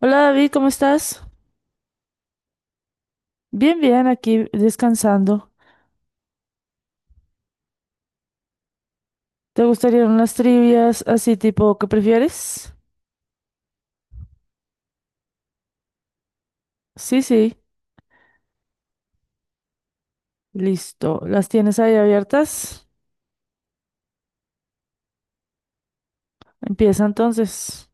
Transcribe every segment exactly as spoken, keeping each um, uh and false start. Hola David, ¿cómo estás? Bien, bien, aquí descansando. ¿Te gustarían unas trivias así tipo qué prefieres? Sí, sí, listo. ¿Las tienes ahí abiertas? Empieza entonces.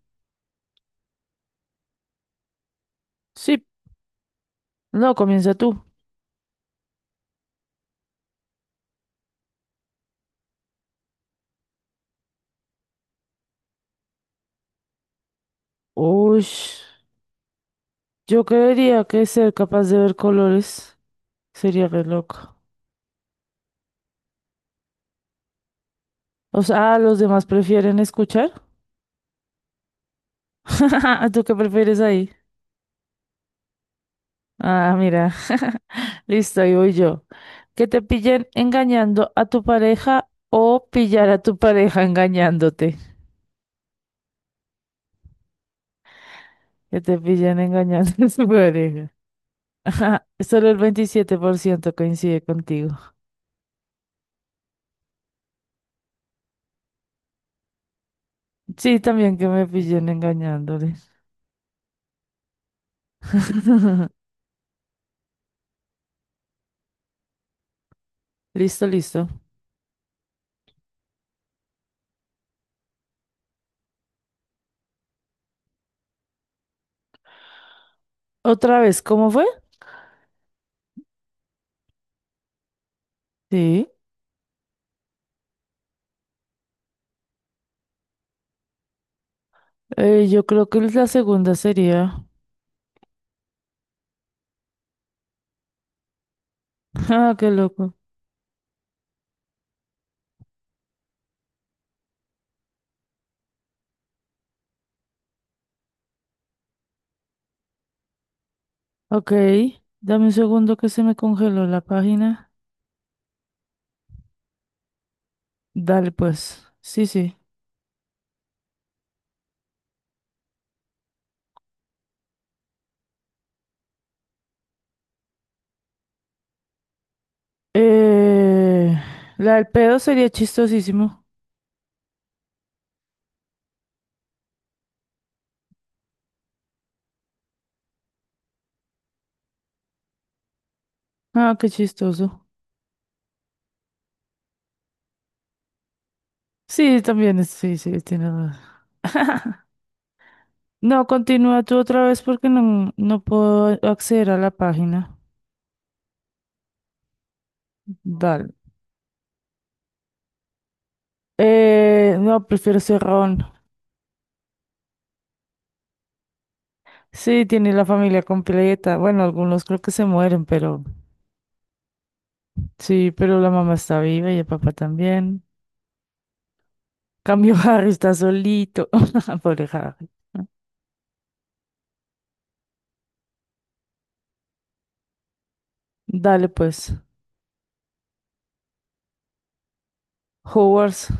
Sí, no, comienza tú. Uy, yo creería que ser capaz de ver colores sería re loco. O sea, ah, los demás prefieren escuchar. ¿Tú qué prefieres ahí? Ah, mira. Listo, ahí voy yo. Que te pillen engañando a tu pareja o pillar a tu pareja engañándote. Que te pillen engañando a tu pareja. Ajá, solo el veintisiete por ciento coincide contigo. Sí, también que me pillen engañándole. Listo, listo. ¿Otra vez cómo fue? Sí. Eh, yo creo que la segunda sería. Ah, qué loco. Ok. Dame un segundo que se me congeló la página. Dale, pues. Sí, sí. Eh, la del pedo sería chistosísimo. Ah, qué chistoso. Sí, también, es- sí, sí, tienes razón. No, continúa tú otra vez porque no, no puedo acceder a la página. Dale. Eh, no, prefiero Cerrón. Sí, tiene la familia completa. Bueno, algunos creo que se mueren, pero sí, pero la mamá está viva y el papá también. Cambio. Harry está solito. Pobre Harry. Dale pues. Hogwarts.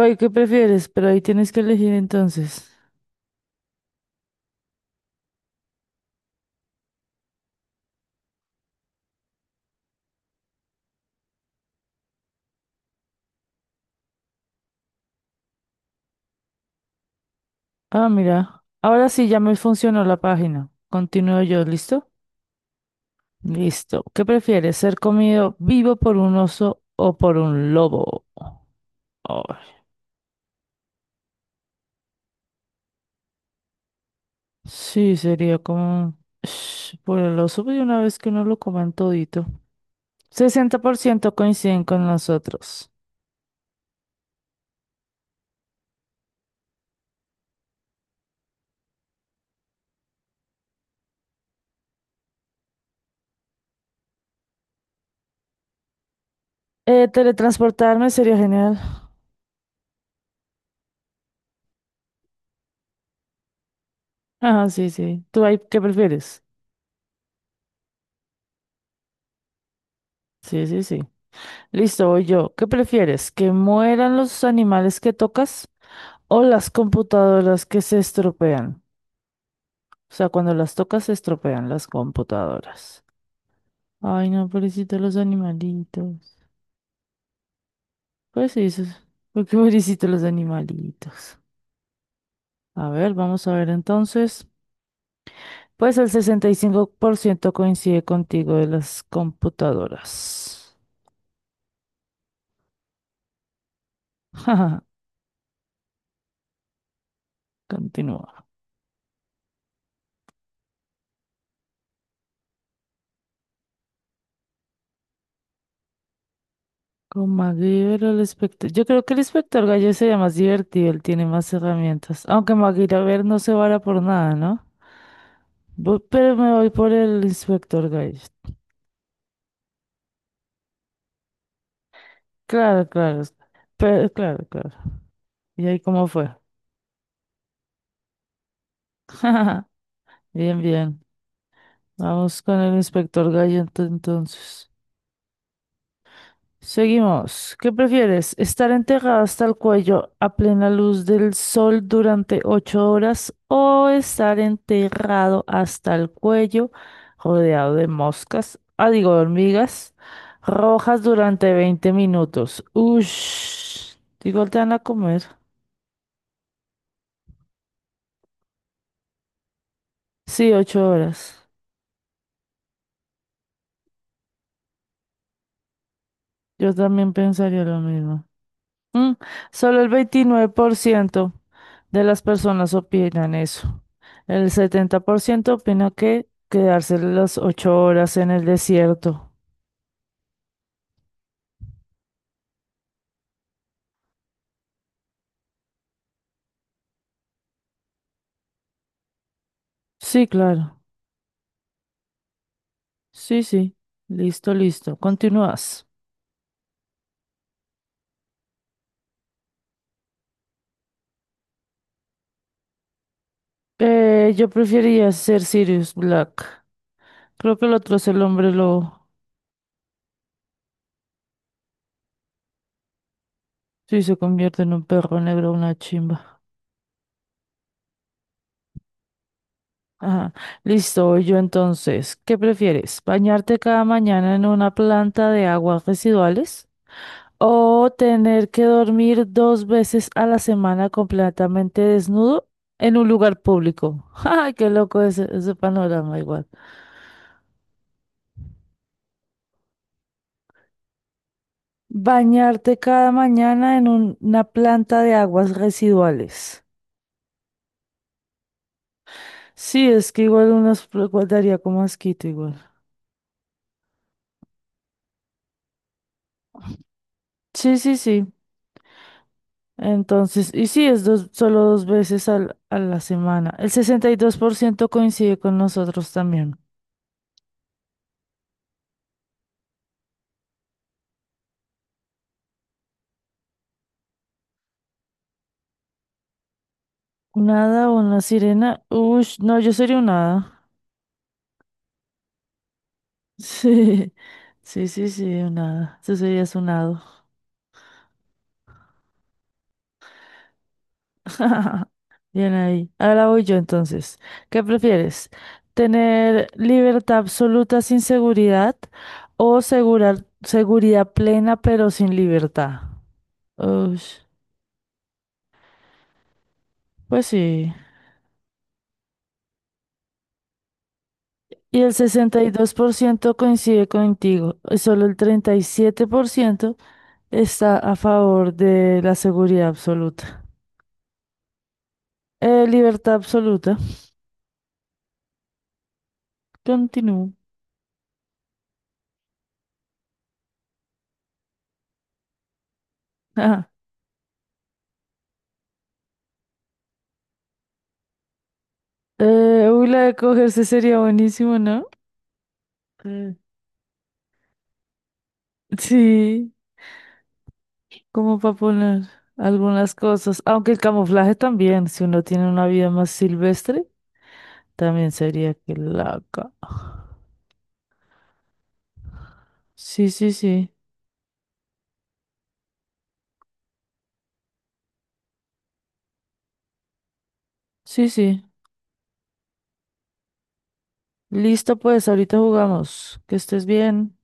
Ay, ¿qué prefieres? Pero ahí tienes que elegir entonces. Ah, mira. Ahora sí ya me funcionó la página. Continúo yo, ¿listo? Listo. ¿Qué prefieres? ¿Ser comido vivo por un oso o por un lobo? Ay, sí, sería como... Sh, por el oso, pues, una vez que uno lo coman todito. Sesenta por ciento coinciden con nosotros. Eh, teletransportarme sería genial. Ajá, sí, sí. ¿Tú ahí qué prefieres? Sí, sí, sí. Listo, voy yo. ¿Qué prefieres? ¿Que mueran los animales que tocas o las computadoras que se estropean? O sea, cuando las tocas se estropean las computadoras. Ay, no, pobrecito los animalitos. Pues sí, eso es- porque pobrecito los animalitos. A ver, vamos a ver entonces. Pues el sesenta y cinco por ciento coincide contigo de las computadoras. Jaja. Continúa. Con MacGyver o el inspector. Yo creo que el inspector Gallo sería más divertido, él tiene más herramientas. Aunque MacGyver no se vara por nada, ¿no? Bu- Pero me voy por el inspector Gallo. Claro, claro. Pero, claro, claro. ¿Y ahí cómo fue? Bien, bien. Vamos con el inspector Gallo ento- entonces. Seguimos. ¿Qué prefieres? ¿Estar enterrada hasta el cuello a plena luz del sol durante ocho horas o estar enterrado hasta el cuello rodeado de moscas, ah, digo, de hormigas rojas durante veinte minutos? Ush, igual te van a comer. Sí, ocho horas. Yo también pensaría lo mismo. Mm, solo el veintinueve por ciento de las personas opinan eso. El setenta por ciento opina que quedarse las ocho horas en el desierto. Sí, claro. Sí, sí. Listo, listo. Continúas. Eh, yo preferiría ser Sirius Black. Creo que el otro es el hombre lobo. Sí, se convierte en un perro negro, una chimba. Ajá. Listo, voy yo entonces. ¿Qué prefieres? ¿Bañarte cada mañana en una planta de aguas residuales? ¿O tener que dormir dos veces a la semana completamente desnudo en un lugar público? ¡Ay, qué loco ese, ese panorama igual! Bañarte cada mañana en un- una planta de aguas residuales. Sí, es que igual unos daría como asquito igual. Sí, sí, sí. Entonces, y sí, es dos- solo dos veces al- a la semana. El sesenta y dos por ciento coincide con nosotros también. Nada, una sirena. Uy, no, yo sería un hada. Sí, sí, sí, sí, un hada. Eso sería un hado. Bien ahí. Ahora voy yo entonces. ¿Qué prefieres? ¿Tener libertad absoluta sin seguridad o segura- seguridad plena pero sin libertad? Ush, pues sí. Y el sesenta y dos por ciento coincide contigo. Y solo el treinta y siete por ciento está a favor de la seguridad absoluta. Eh, libertad absoluta. Continúo. Eh, uy, la de cogerse sería buenísimo, ¿no? Mm. Sí, como para poner algunas cosas. Aunque el camuflaje también, si uno tiene una vida más silvestre, también sería que laca. Sí, sí, sí. Sí, sí. Listo, pues, ahorita jugamos. Que estés bien.